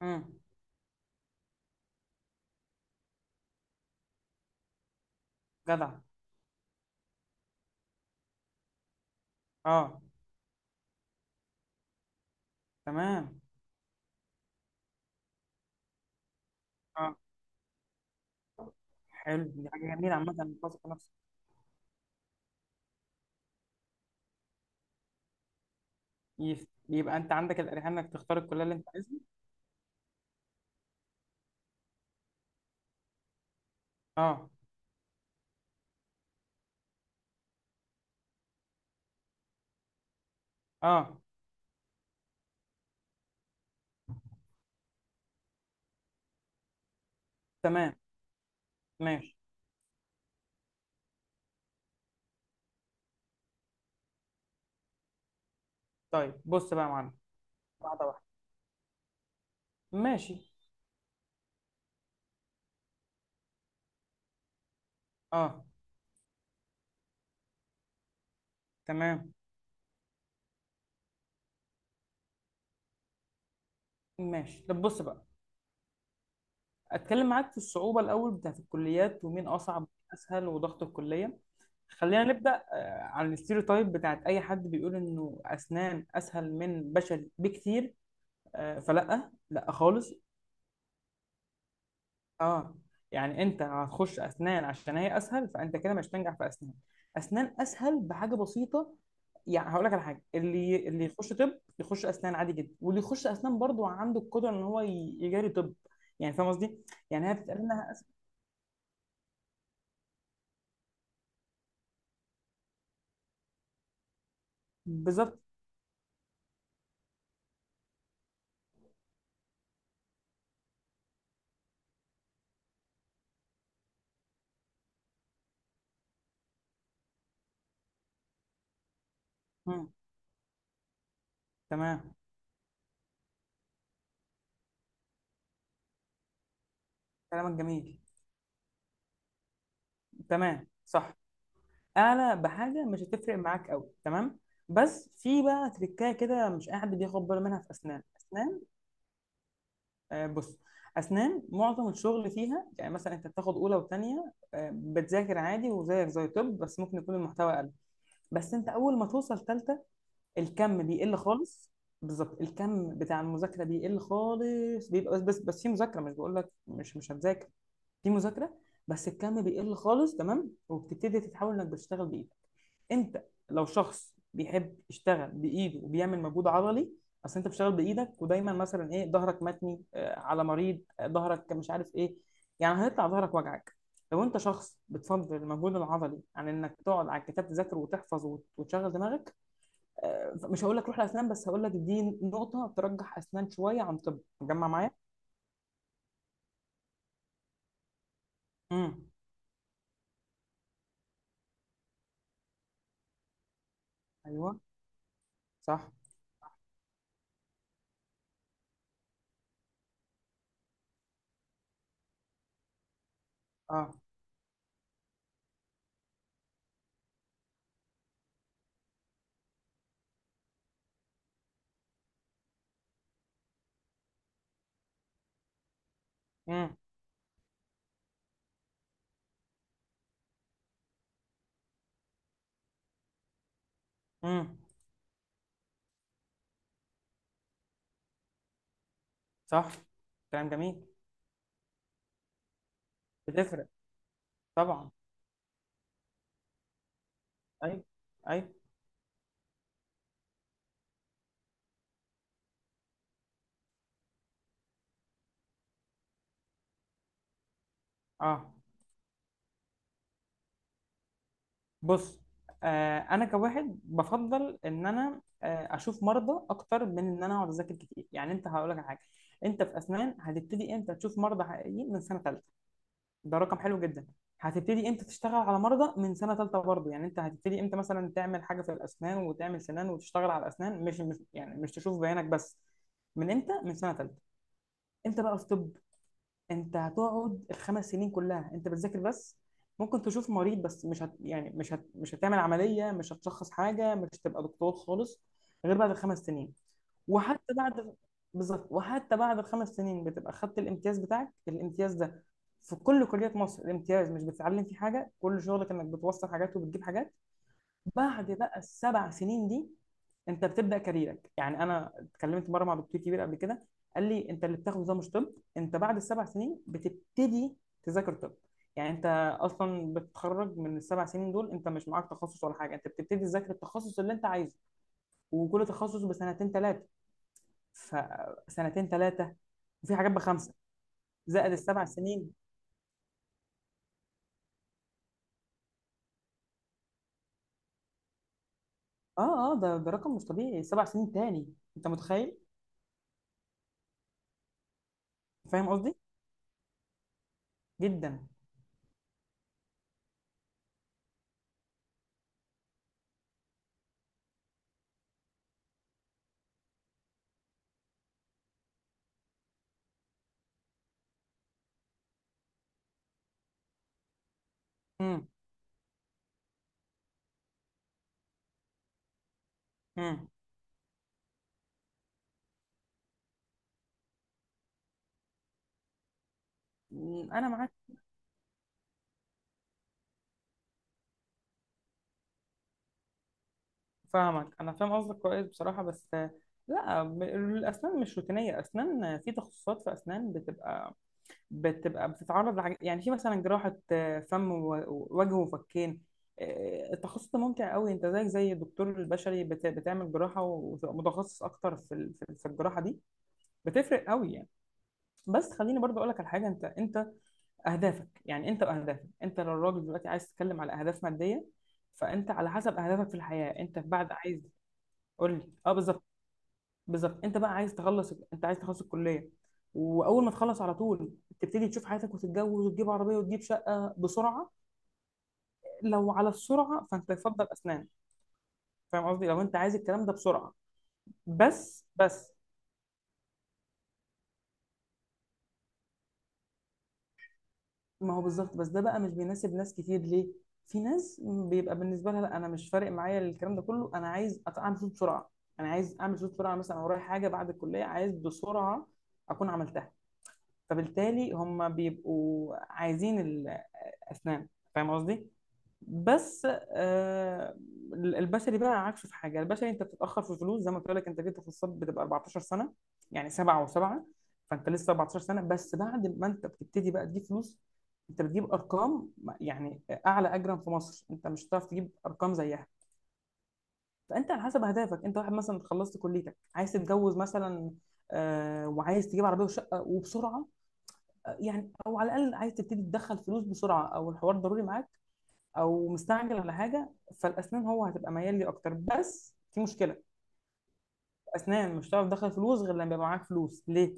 امم. جدع. اه. تمام. اه. حلو، دي حاجه جميله عامه انك تثق نفسك. يبقى انت عندك الاريحيه انك تختار الكليه اللي انت عايزها. اه. اه. تمام. ماشي. طيب بص بقى يا معلم. واحده واحده. ماشي. اه. تمام. ماشي، طب بص بقى، اتكلم معاك في الصعوبه الاول بتاعت الكليات، ومين اصعب ومين اسهل، وضغط الكليه. خلينا نبدا عن الستيreotype بتاعت اي حد بيقول انه اسنان اسهل من بشري بكتير. فلا لا خالص. اه، يعني انت هتخش اسنان عشان هي اسهل، فانت كده مش هتنجح في اسنان. اسنان اسهل بحاجه بسيطه، يعني هقول لك على حاجه، اللي يخش طب يخش اسنان عادي جدا، واللي يخش اسنان برضو عنده القدره ان هو يجاري طب. يعني فاهم قصدي. يعني هي بتتقال انها بالظبط. مم. تمام. كلامك جميل. تمام صح. اعلى بحاجه مش هتفرق معاك قوي، تمام. بس في بقى تريكايه كده مش اي حد بياخد باله منها في اسنان. بص، اسنان معظم الشغل فيها، يعني مثلا انت بتاخد اولى وثانيه بتذاكر عادي وزيك زي طب، بس ممكن يكون المحتوى اقل. بس انت اول ما توصل ثالثه الكم بيقل خالص. بالظبط، الكم بتاع المذاكره بيقل خالص، بيبقى بس في مذاكره. مش بقول لك مش هتذاكر، في مذاكره، بس الكم بيقل خالص، تمام. وبتبتدي تتحول انك بتشتغل بايدك. انت لو شخص بيحب يشتغل بايده وبيعمل مجهود عضلي، اصل انت بتشتغل بايدك، ودايما مثلا ايه ظهرك متني على مريض، ظهرك مش عارف ايه، يعني هيطلع ظهرك وجعك. لو انت شخص بتفضل المجهود العضلي عن انك تقعد على الكتاب تذاكر وتحفظ وتشغل دماغك، مش هقول لك روح لاسنان، بس هقول لك دي نقطه ترجح اسنان شويه عن طب، مجمع معايا. امم. ايوه. صح. اه. امم. امم. صح. كلام جميل. بتفرق. طبعا. ايوه. ايوه. اه. بص، انا كواحد بفضل ان انا اشوف مرضى اكتر من ان انا اقعد اذاكر كتير. يعني انت هقول لك على حاجه، انت في اسنان هتبتدي امتى تشوف مرضى حقيقيين؟ من سنه ثالثه. ده رقم حلو جدا. هتبتدي امتى تشتغل على مرضى؟ من سنه ثالثه برضه. يعني انت هتبتدي امتى مثلا تعمل حاجه في الاسنان وتعمل سنان وتشتغل على الاسنان، مش يعني مش تشوف بيانك بس؟ من امتى؟ من سنه ثالثه. انت بقى في طب، انت هتقعد الخمس سنين كلها انت بتذاكر بس، ممكن تشوف مريض بس مش هت يعني مش هتعمل عملية، مش هتشخص حاجة، مش هتبقى دكتور خالص غير بعد الخمس سنين. وحتى بعد. بالظبط، وحتى بعد الخمس سنين بتبقى خدت الامتياز بتاعك. الامتياز ده في كل كليات مصر الامتياز مش بتتعلم فيه حاجة، كل شغلك انك بتوصل حاجات وبتجيب حاجات. بعد بقى السبع سنين دي انت بتبدا كاريرك. يعني انا اتكلمت مره مع دكتور كبير قبل كده، قال لي انت اللي بتاخده ده مش طب، انت بعد السبع سنين بتبتدي تذاكر طب. يعني انت اصلا بتتخرج من السبع سنين دول انت مش معاك تخصص ولا حاجه، انت بتبتدي تذاكر التخصص اللي انت عايزه. وكل تخصص بسنتين ثلاثه، فسنتين ثلاثه، وفي حاجات بخمسه زائد السبع سنين. اه، اه، ده رقم مش طبيعي، سبع سنين تاني، انت متخيل؟ فاهم قصدي جدا. امم. مم، انا معاك. فاهمك، انا فاهم قصدك كويس بصراحه، بس لا، الاسنان مش روتينيه. اسنان في تخصصات، في اسنان بتبقى بتتعرض لحاجات، يعني في مثلا جراحه فم ووجه وفكين. التخصص ده ممتع قوي، انت زيك زي الدكتور البشري بتعمل جراحه، وتبقى متخصص اكتر في ال- في في الجراحه دي. بتفرق قوي يعني. بس خليني برضو اقول لك على حاجه، انت اهدافك، يعني انت واهدافك، انت لو الراجل دلوقتي عايز تتكلم على اهداف ماديه، فانت على حسب اهدافك في الحياه، انت بعد عايز. قول لي. اه بالظبط. بالظبط انت بقى عايز تخلص، انت عايز تخلص الكليه واول ما تخلص على طول تبتدي تشوف حياتك وتتجوز وتجيب عربيه وتجيب شقه بسرعه. لو على السرعه فانت يفضل اسنان. فاهم قصدي، لو انت عايز الكلام ده بسرعه. بس. ما هو بالظبط، بس ده بقى مش بيناسب ناس كتير. ليه؟ في ناس بيبقى بالنسبه لها لا انا مش فارق معايا الكلام ده كله، انا عايز اعمل فلوس بسرعه. انا عايز اعمل فلوس بسرعه، مثلا ورايا حاجه بعد الكليه عايز بسرعه اكون عملتها. فبالتالي هم بيبقوا عايزين اسنان. فاهم قصدي. بس. آه. البشري بقى عكسه في حاجه، البشري انت بتتاخر في الفلوس. زي ما قلت لك انت جبت كورسات بتبقى 14 سنه، يعني سبعه وسبعه. فانت لسه 14 سنه، بس بعد ما انت بتبتدي بقى تجيب فلوس، انت بتجيب ارقام. يعني اعلى اجرا في مصر انت مش هتعرف تجيب ارقام زيها. فانت على حسب اهدافك، انت واحد مثلا خلصت كليتك عايز تتجوز مثلا، آه، وعايز تجيب عربيه وشقه وبسرعه، يعني او على الاقل عايز تبتدي تدخل فلوس بسرعه، او الحوار ضروري معاك، او مستعجل على حاجه، فالاسنان هو هتبقى ميال لي اكتر. بس في مشكله، اسنان مش هتعرف تدخل فلوس غير لما يبقى معاك فلوس، ليه؟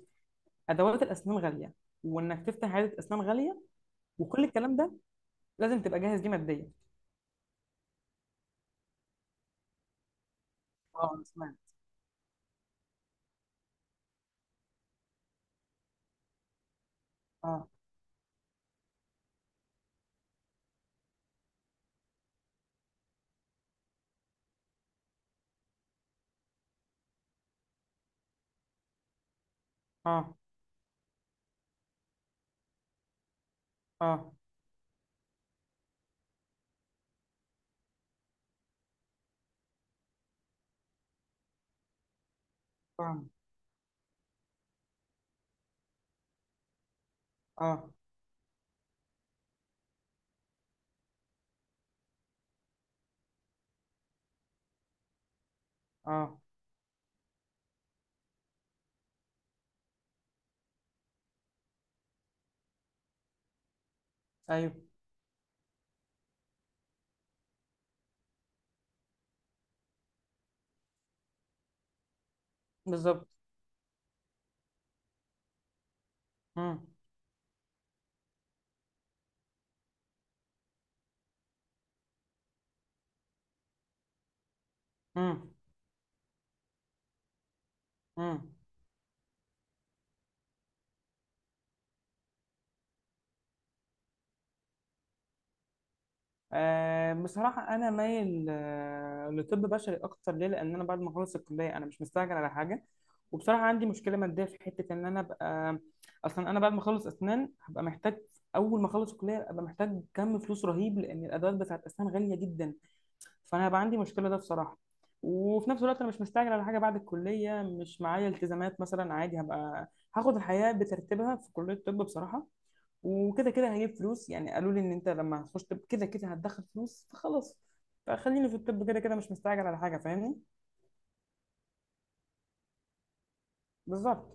ادوات الاسنان غاليه، وانك تفتح عياده اسنان غاليه، وكل الكلام ده لازم تبقى جاهز ليه ماديا. اه أنا سمعت. اه. اه. اه. اه. اه. اه. ايوه. بالظبط. امم. امم. امم. بصراحة أنا مايل لطب بشري أكتر. ليه؟ لأن أنا بعد ما أخلص الكلية أنا مش مستعجل على حاجة. وبصراحة عندي مشكلة مادية في حتة إن أنا أبقى، أصلا أنا بعد ما أخلص أسنان هبقى محتاج، أول ما أخلص الكلية أبقى محتاج كم فلوس رهيب، لأن الأدوات بتاعت أسنان غالية جدا، فأنا هبقى عندي مشكلة ده بصراحة. وفي نفس الوقت أنا مش مستعجل على حاجة بعد الكلية، مش معايا التزامات مثلا، عادي هبقى هاخد الحياة بترتيبها في كلية الطب بصراحة. وكده كده هجيب فلوس، يعني قالوا لي ان انت لما هتخش طب كده كده هتدخل فلوس، فخلاص فخليني في الطب، كده كده مش مستعجل على حاجه. فاهمني. بالظبط.